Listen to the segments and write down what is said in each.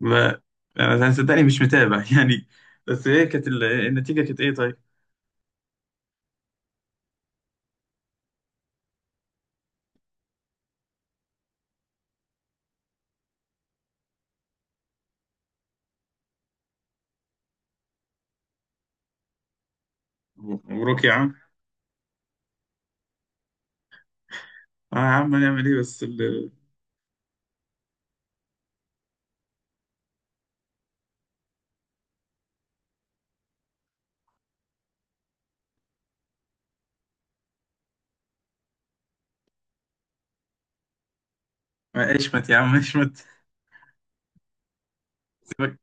ما انا صدقني مش متابع يعني. بس ايه كانت النتيجه؟ كانت ايه؟ طيب، مبروك يا عم. اه يا عم، هنعمل ايه؟ بس ما اشمت يا عم اشمت. سيبك،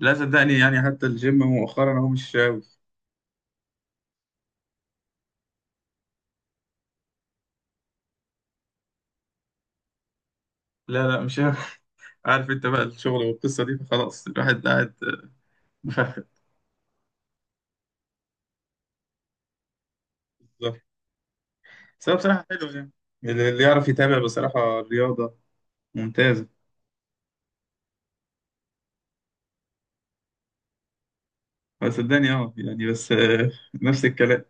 لا صدقني يعني حتى الجيم مؤخرا هو مش شاوي. لا، لا مش شاوي. عارف انت بقى الشغل والقصه دي، فخلاص الواحد قاعد مفخد بالظبط. بس هو بصراحه حلو يعني، اللي يعرف يتابع بصراحه الرياضه ممتازه. بس صدقني اه يعني بس نفس الكلام.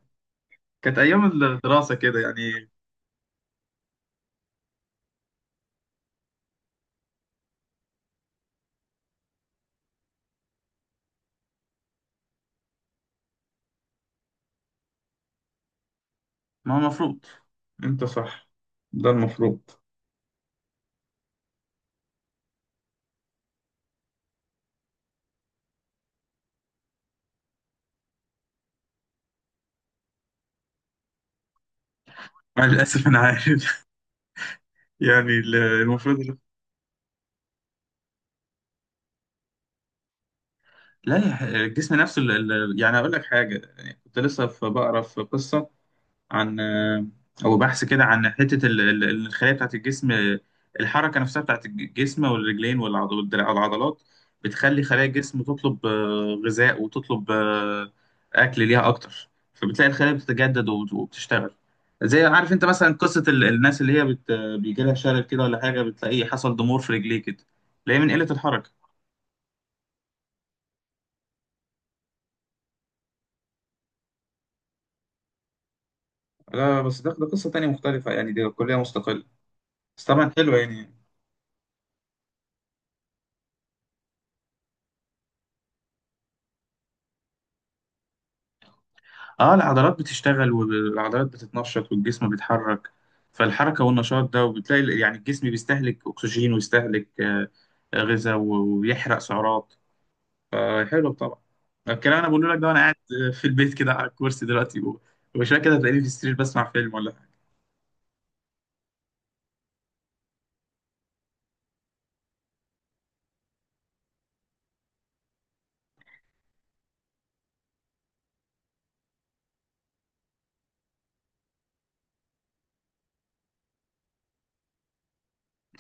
كانت ايام الدراسه كده يعني. ما هو المفروض، انت صح، ده المفروض. مع الاسف انا عارف يعني المفروض. لا يا ح- الجسم نفسه يعني اقول لك حاجه، يعني كنت لسه في بقرا في قصه عن، او بحث كده، عن حته الخلايا بتاعت الجسم. الحركه نفسها بتاعت الجسم والرجلين والعضلات بتخلي خلايا الجسم تطلب غذاء، وتطلب اكل ليها اكتر. فبتلاقي الخلايا بتتجدد وبتشتغل. زي عارف انت مثلا قصه الناس اللي هي بيجي لها شلل كده ولا حاجه، بتلاقيه حصل ضمور في رجليه كده، تلاقيه من قله الحركه. لا بس ده قصه تانية مختلفه يعني، دي كليه مستقله بس طبعا حلوه يعني. اه العضلات بتشتغل، والعضلات بتتنشط، والجسم بيتحرك. فالحركة والنشاط ده، وبتلاقي يعني الجسم بيستهلك أكسجين ويستهلك غذاء ويحرق سعرات. فحلو طبعا. الكلام أنا بقوله لك ده وأنا قاعد في البيت كده على الكرسي دلوقتي وشوية كده هتلاقيني في السرير بسمع فيلم ولا حاجة.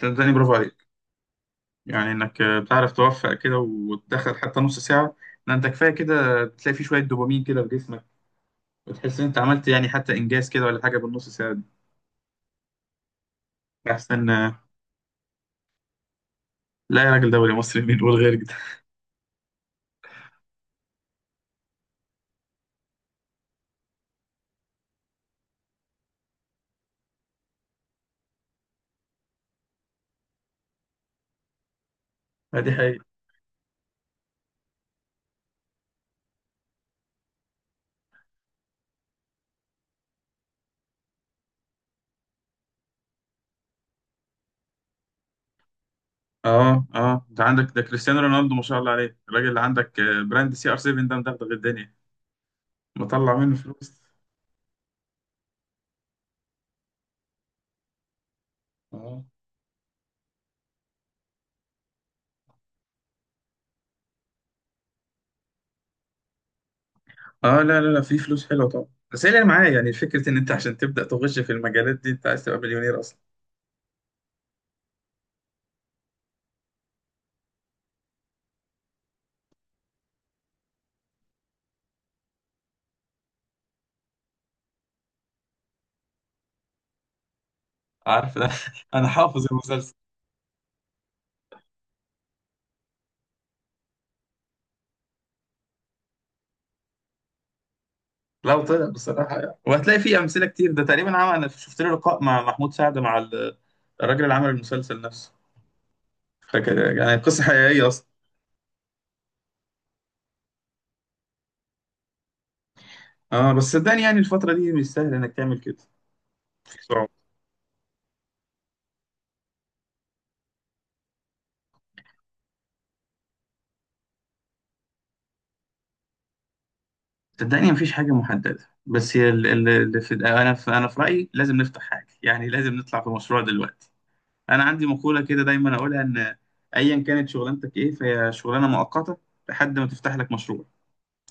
صدقني برافو عليك، يعني إنك بتعرف توفق كده وتدخل حتى نص ساعة. ده أنت كفاية كده، بتلاقي فيه شوية دوبامين كده في جسمك، وتحس إن أنت عملت يعني حتى إنجاز كده ولا حاجة بالنص ساعة دي. أحسن. لا يا راجل، دوري مصري مين يقول غير كده؟ دي حقيقة. اه اه، انت عندك ده كريستيانو رونالدو، ما شاء الله عليه الراجل، اللي عندك براند سي ار 7 ده مدغدغ الدنيا، مطلع منه فلوس. اه اه. لا لا لا في فلوس حلوه طبعا، بس هي اللي معايا يعني فكره ان انت عشان تبدا تغش في المجالات دي، انت عايز تبقى مليونير اصلا. عارف ده انا حافظ المسلسل. لو طلع بصراحه يعني. وهتلاقي فيه امثله كتير. ده تقريبا عمل، انا شفت له لقاء مع محمود سعد، مع الراجل اللي عمل المسلسل نفسه، فكان يعني قصه حقيقيه. اه بس صدقني يعني الفترة دي مش سهل انك تعمل كده. صعب. صدقني مفيش حاجة محددة، بس هي اللي في انا في رأيي لازم نفتح حاجة، يعني لازم نطلع في مشروع دلوقتي. انا عندي مقولة كده دايما اقولها، ان ايا كانت شغلانتك ايه فهي شغلانة مؤقتة لحد ما تفتح لك مشروع،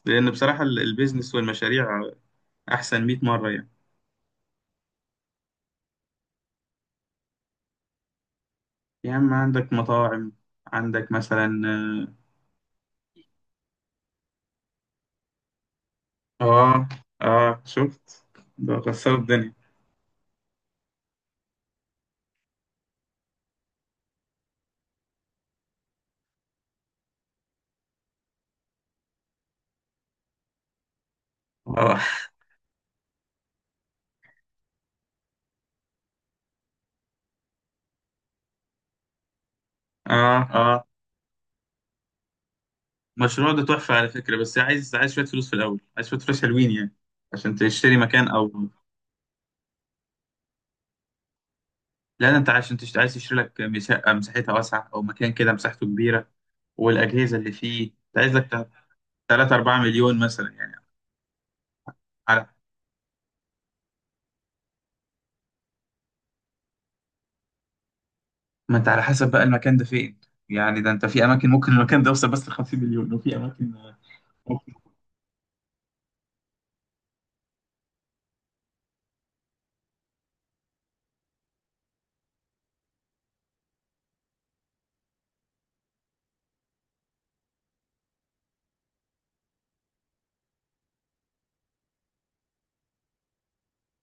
لان بصراحة البيزنس والمشاريع احسن 100 مرة يعني. يا عم عندك مطاعم، عندك مثلا. اه اه شفت، ده كسر الدنيا. اه اه اه المشروع ده تحفة على فكرة، بس عايز، عايز شوية فلوس في الأول، عايز شوية فلوس حلوين يعني عشان تشتري مكان أو. لا ده أنت عايز تشتري لك شقة مساحتها واسعة، أو مكان كده مساحته كبيرة، والأجهزة اللي فيه أنت عايز لك. 3 4 مليون مثلا يعني. على. ما أنت على حسب بقى المكان ده فين، يعني ده أنت في أماكن ممكن المكان ده يوصل بس ل 50 مليون، وفي أماكن ممكن.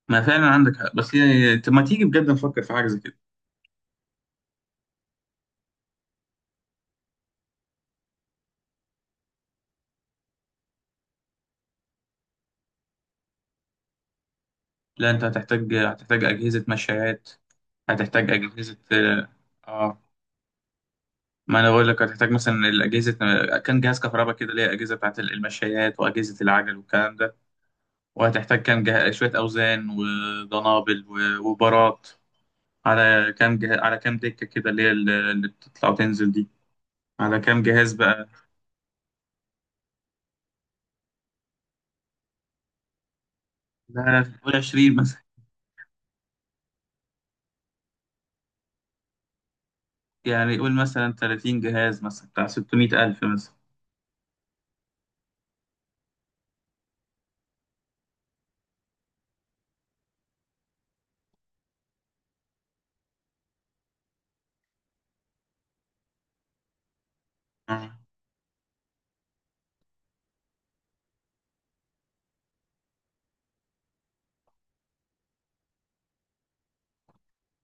ما فعلا عندك حق، بس يعني أنت ما تيجي بجد نفكر في حاجة زي كده. لا أنت هتحتاج أجهزة مشايات، هتحتاج أجهزة. آه ما انا بقول لك هتحتاج مثلا الاجهزه، كان جهاز كهرباء كده، اللي هي اجهزه بتاعت المشايات واجهزه العجل والكلام ده. وهتحتاج كام شويه اوزان ودنابل وبارات، على كام على كام دكه كده اللي هي اللي بتطلع وتنزل دي، على كام جهاز بقى. لا لا قول 20 مثلا. يعني قول مثلا 30 جهاز مثلا بتاع 600,000 مثلا. آه.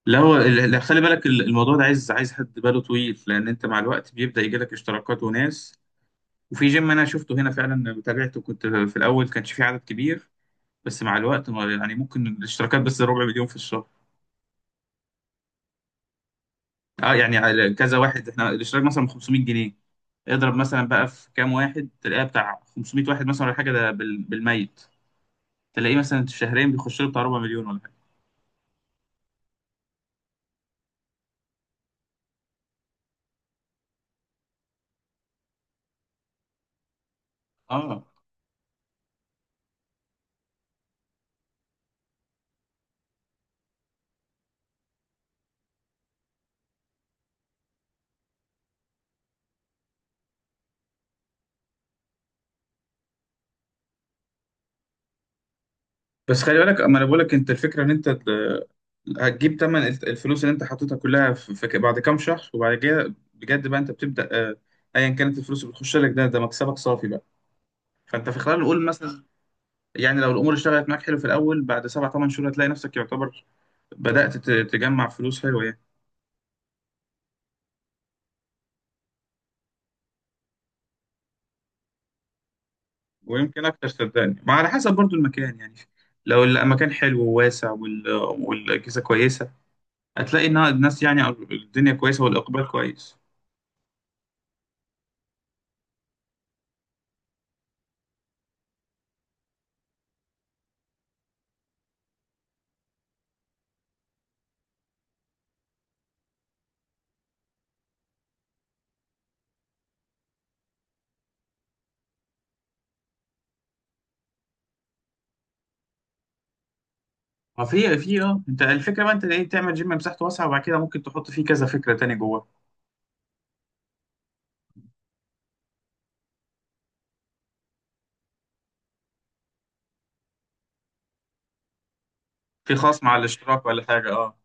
لا هو لا، خلي بالك الموضوع ده عايز، عايز حد باله طويل، لان انت مع الوقت بيبدا يجي لك اشتراكات وناس. وفي جيم انا شفته هنا فعلا تابعته، كنت في الاول كانش في عدد كبير، بس مع الوقت يعني ممكن الاشتراكات بس ربع مليون في الشهر. اه يعني على كذا واحد، احنا الاشتراك مثلا ب 500 جنيه، اضرب مثلا بقى في كام واحد، تلاقيها بتاع 500 واحد مثلا ولا حاجه، ده بالميت تلاقيه مثلا في شهرين بيخش له بتاع ربع مليون ولا حاجه. اه بس خلي بالك، اما انا بقول لك انت الفكره ان انت هتجيب تمن الفلوس اللي انت حطيتها كلها في بعد كام شهر، وبعد كده بجد بقى انت بتبدا ايا كانت الفلوس اللي بتخش لك ده، ده مكسبك صافي بقى. فانت في خلال، نقول مثلا يعني لو الامور اشتغلت معاك حلو في الاول، بعد سبع ثمان شهور هتلاقي نفسك يعتبر بدات تجمع فلوس حلوه يعني. ويمكن اكتر صدقني، ما على حسب برضو المكان يعني، لو المكان حلو وواسع والاجهزه كويسه، هتلاقي ان الناس يعني أو الدنيا كويسه والاقبال كويس. ما في في اه انت الفكره بقى انت ايه، تعمل جيم مساحته واسعه وبعد كده ممكن تحط فيه كذا فكره تاني جواه. في خاص مع الاشتراك ولا حاجه، اه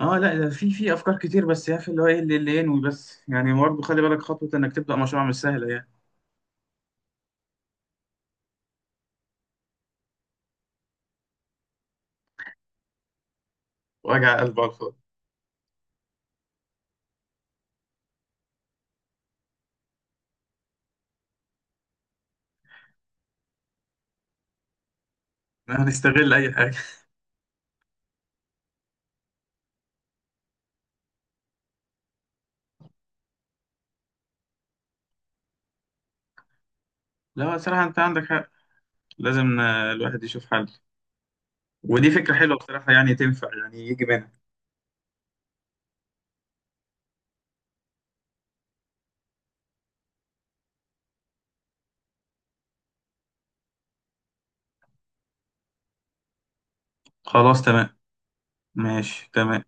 اه. لا ده في في افكار كتير، بس يا اخي اللي هو ايه اللي ينوي، بس يعني برضه خلي بالك خطوه انك تبدا مشروع مش سهله يعني. وجع قلب على الفاضي. هنستغل اي حاجه. لا صراحه انت عندك حق، لازم الواحد يشوف حل، ودي فكره حلوه بصراحه يعني، تنفع يعني يجي منها. خلاص تمام. ماشي تمام.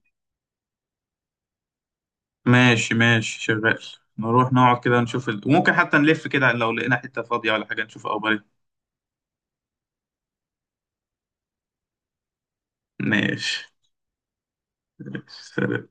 ماشي ماشي شغال. نروح نقعد كده نشوف وممكن حتى نلف كده لو لقينا حته فاضيه ولا حاجه، نشوف اخبار إيه. ماشي. سلام.